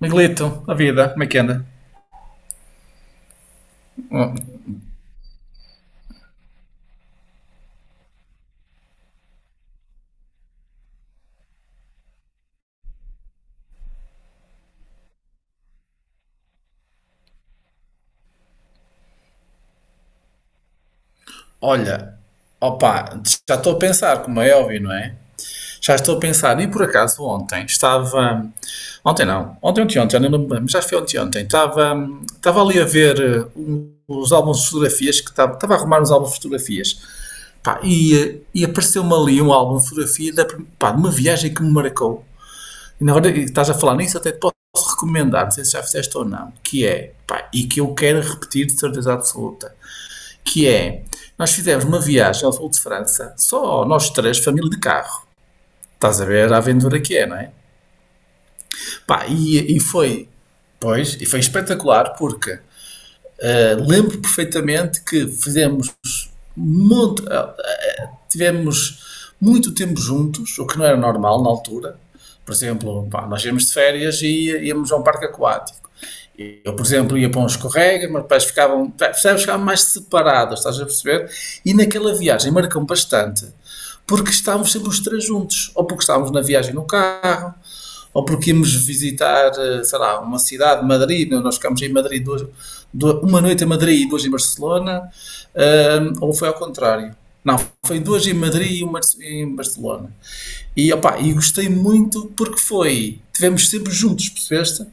Miguelito, a vida, como é que anda? Hum. Olha, opa, já estou a pensar, como é óbvio, não é? Já estou a pensar, e por acaso ontem estava. Ontem não, ontem, ontem, ontem, já nem lembro bem, mas já foi ontem, ontem. Estava ali a ver os álbuns de fotografias, que estava a arrumar os álbuns de fotografias. Pá, e apareceu-me ali um álbum de fotografia pá, de uma viagem que me marcou. E na hora que estás a falar nisso, até te posso recomendar, não sei se já fizeste ou não, que é, pá, e que eu quero repetir de certeza absoluta, que é, nós fizemos uma viagem ao sul de França, só nós três, família de carro. Estás a ver a aventura que é, não é? Pá, e foi, pois, e foi espetacular, porque lembro perfeitamente que fizemos tivemos muito tempo juntos, o que não era normal na altura. Por exemplo, pá, nós íamos de férias e íamos a um parque aquático. Eu, por exemplo, ia para uns escorrega, meus pais ficavam, percebes, ficavam mais separados, estás a perceber? E naquela viagem marcam bastante, porque estávamos sempre os três juntos, ou porque estávamos na viagem no carro, ou porque íamos visitar, sei lá, uma cidade, Madrid, né? Nós ficámos em Madrid duas, uma noite em Madrid e duas em Barcelona, ou foi ao contrário. Não, foi duas em Madrid e uma em Barcelona. E, opa, e gostei muito porque foi, tivemos sempre juntos, percebeste?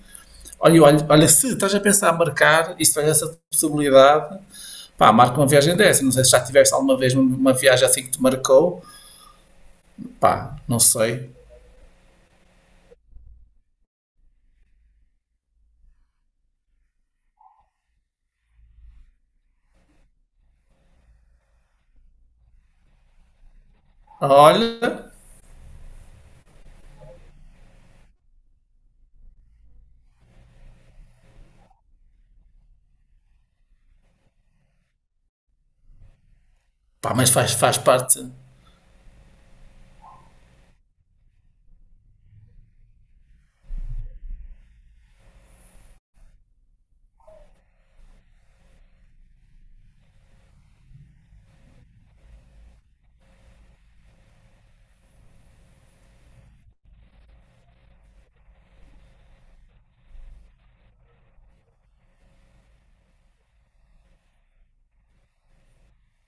Olha, olha, olha, se estás a pensar em marcar e se tens essa possibilidade, pá, marca uma viagem dessa. Não sei se já tiveste alguma vez uma viagem assim que te marcou, pá, não sei. Olha, pá, mas faz parte.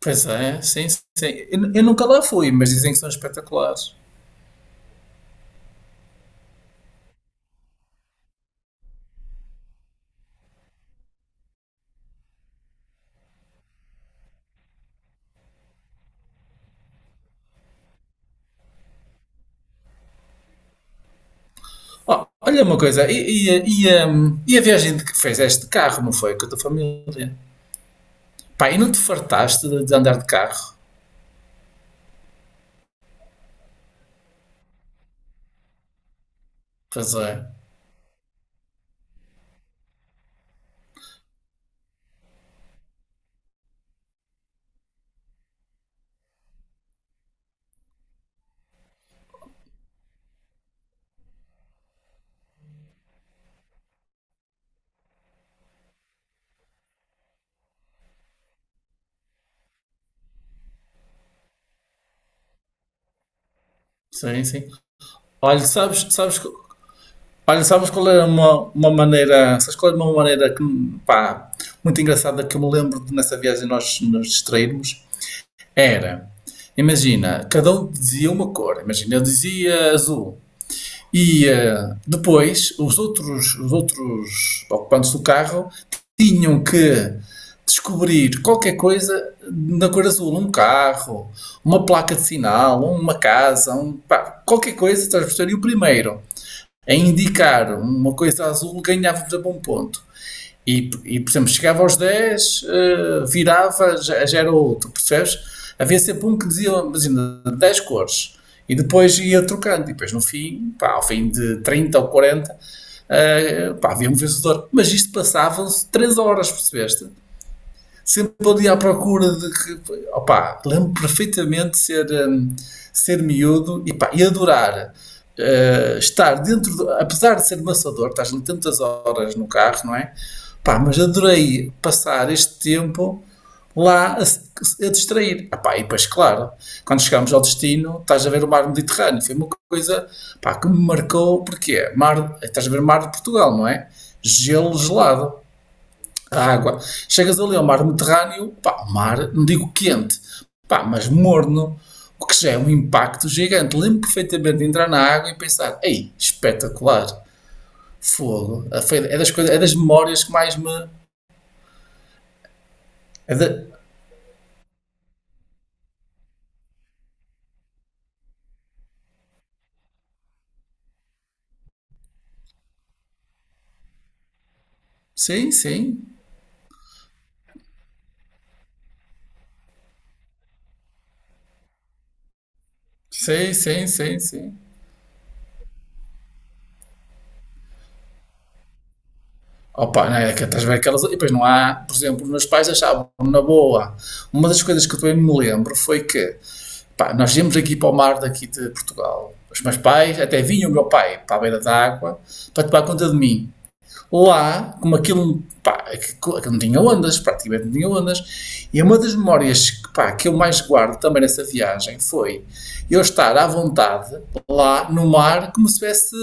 Pois é, sim, sim. Eu nunca lá fui, mas dizem que são espetaculares. Ó, olha uma coisa, e a viagem de que fizeste de carro, não foi? Com a tua família? Pá, e não te fartaste de andar de carro? Pois é, sim, sim. Olha, sabes, sabes que Olha, sabes qual é uma maneira, sabes qual é uma maneira que, pá, muito engraçada que eu me lembro de nessa viagem nós nos distrairmos? Era, imagina, cada um dizia uma cor, imagina, eu dizia azul. Depois os outros ocupantes do carro tinham que descobrir qualquer coisa na cor azul, um carro, uma placa de sinal, uma casa, um, pá, qualquer coisa, estás a perceber? E o primeiro a indicar uma coisa azul, ganhávamos a bom ponto. E por exemplo, chegava aos 10 virava, já era outro, percebes? Havia sempre um que dizia, imagina, 10 cores. E depois ia trocando. E depois no fim, pá, ao fim de 30 ou 40 pá, havia um vencedor. Mas isto passavam-se 3 horas, percebeste? Sempre ali à procura de que. Opá, lembro perfeitamente de ser miúdo e, pá, e adorar. Estar dentro, do, apesar de ser maçador, estás ali tantas horas no carro, não é? Pá, mas adorei passar este tempo lá a distrair. Ah, pá, e depois, claro, quando chegámos ao destino, estás a ver o mar Mediterrâneo. Foi uma coisa pá, que me marcou, porque é mar, estás a ver o mar de Portugal, não é? Gelo gelado a água. Chegas ali ao mar Mediterrâneo, pá, mar, não digo quente, pá, mas morno, o que já é um impacto gigante. Lembro perfeitamente de entrar na água e pensar, ei, espetacular, fogo. É das coisas, é das memórias que mais me... é da- Sim, sim, sim, sim, sim, sim. Opa, não é que estás a ver aquelas... E depois não há, por exemplo, os meus pais achavam, na boa, uma das coisas que eu também me lembro foi que pá, nós íamos aqui para o mar daqui de Portugal. Os meus pais, até vinha o meu pai para a beira da água para tomar conta de mim. Lá, como aquilo, pá, aquilo não tinha ondas, praticamente não tinha ondas, e uma das memórias que, pá, que eu mais guardo também nessa viagem foi eu estar à vontade lá no mar como se tivesse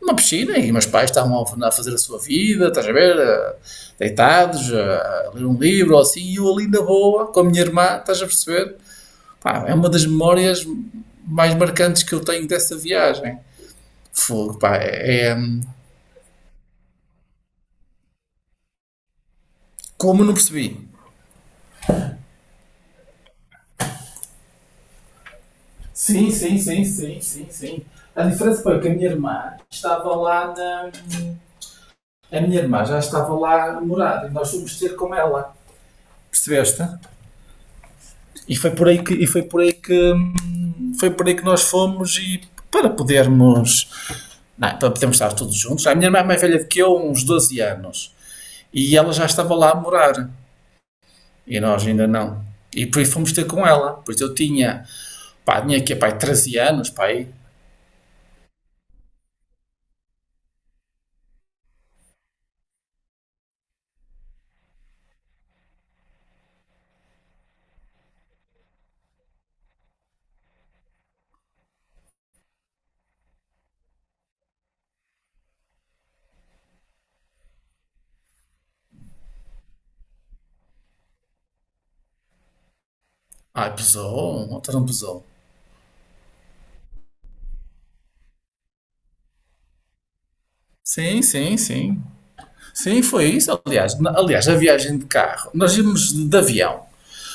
uma piscina e meus pais estavam a fazer a sua vida, estás a ver, deitados, a ler um livro ou assim, e eu ali na boa com a minha irmã, estás a perceber? Pá, é uma das memórias mais marcantes que eu tenho dessa viagem. Fogo, pá, Como não percebi? Sim, sim, sim, sim, sim, sim. A diferença foi que a minha irmã estava lá na. A minha irmã já estava lá a morar e nós fomos ter com ela. Percebeste? E foi por aí que. E foi por aí que. Foi por aí que nós fomos e para podermos. Não, é, para podermos estar todos juntos. A minha irmã é mais velha do que eu, uns 12 anos. E ela já estava lá a morar. E nós ainda não. E por isso fomos ter com ela. Pois eu tinha, pá, tinha aqui, pá, 13 anos, pá, aí. Ai, pesou, outra não pesou. Sim, sim, sim. Sim, foi isso. Aliás, aliás, a viagem de carro, nós íamos de avião.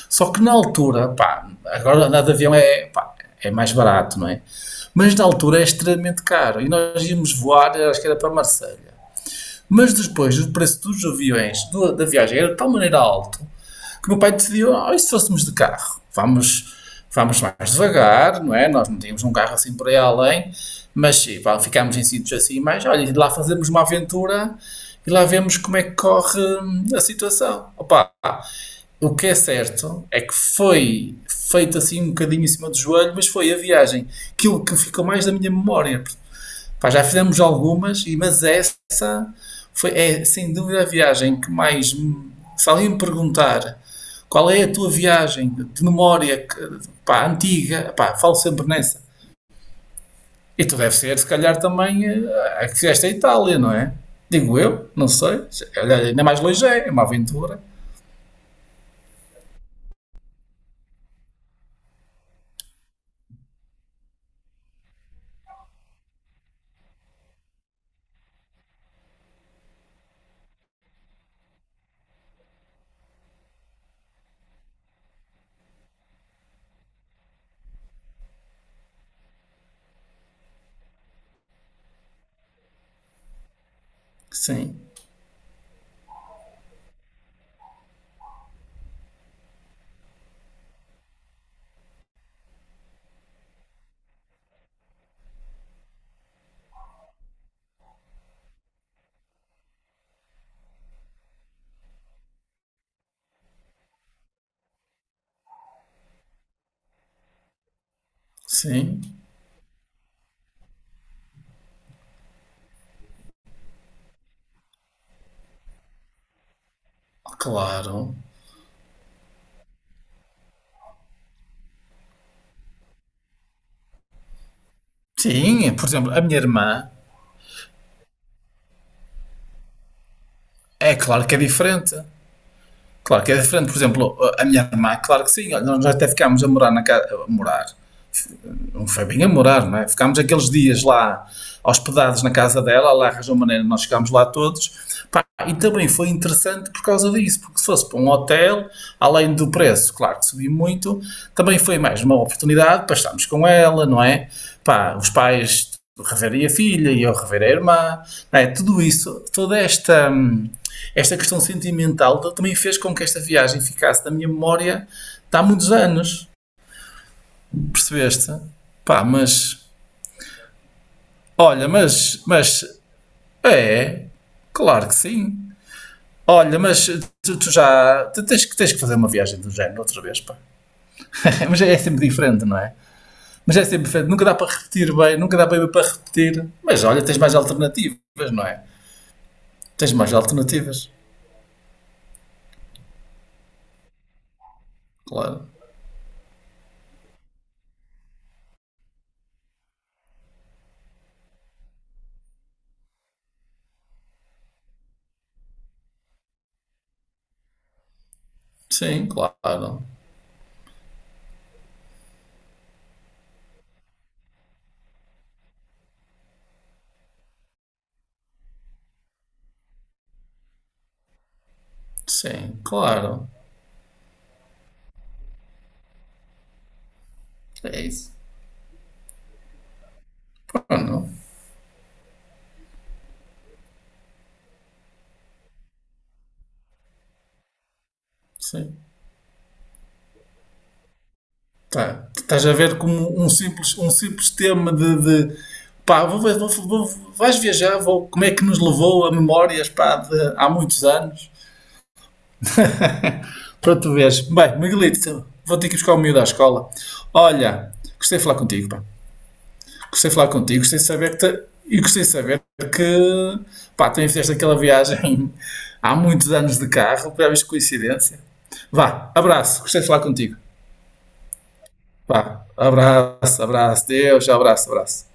Só que na altura, pá, agora andar de avião é, pá, é mais barato, não é? Mas na altura é extremamente caro. E nós íamos voar, acho que era para Marselha. Mas depois o preço dos aviões da viagem era de tal maneira alto que o meu pai decidiu, oh, e se fôssemos de carro? Vamos, vamos mais devagar, não é? Nós não tínhamos um carro assim por aí além, mas pá, ficámos em sítios assim, mas olha, e lá fazemos uma aventura e lá vemos como é que corre a situação. Opa, o que é certo é que foi feito assim um bocadinho em cima do joelho, mas foi a viagem, aquilo que ficou mais da minha memória, pá, já fizemos algumas, mas essa foi, é sem dúvida a viagem que mais. Se alguém me perguntar qual é a tua viagem de memória pá, antiga, pá, falo sempre nessa. E tu deve ser, se calhar, também a que fizeste a Itália, não é? Digo eu, não sei. Olha, ainda mais longe é, é uma aventura. Sim, sim, claro. Sim, por exemplo, a minha irmã, é claro que é diferente. Claro que é diferente, por exemplo, a minha irmã, claro que sim, olha, nós até ficámos a morar na casa, a morar, não foi bem a morar, não é? Ficámos aqueles dias lá hospedados na casa dela, lá arranjou maneira, nós ficámos lá todos. Pá, e também foi interessante por causa disso, porque se fosse para um hotel, além do preço, claro que subiu muito, também foi mais uma oportunidade para estarmos com ela, não é? Pá, os pais reverem a filha e eu rever a irmã, não é? Tudo isso, toda esta. Esta questão sentimental também fez com que esta viagem ficasse na minha memória de há muitos anos, percebeste? Pá, mas olha, mas é, claro que sim. Olha, mas tu já tens que fazer uma viagem do género outra vez, pá. Mas é sempre diferente, não é? Mas é sempre diferente, nunca dá para repetir bem, nunca dá bem para repetir. Mas olha, tens mais alternativas, não é? Tens mais alternativas, claro. Sim, claro. Sim, claro. É isso. Pronto, sim. Tá, estás a ver como um simples tema de, pá, vais viajar, como é que nos levou a memórias pá, de há muitos anos para tu veres. Bem, Miguelito, vou ter que ir buscar o miúdo à escola. Olha, gostei de falar contigo, pá. Gostei de falar contigo, gostei de saber e gostei de saber que pá, também fizeste aquela viagem há muitos anos de carro, para ver coincidência. Vá, abraço, gostei de falar contigo. Vá, abraço, abraço, Deus, abraço, abraço.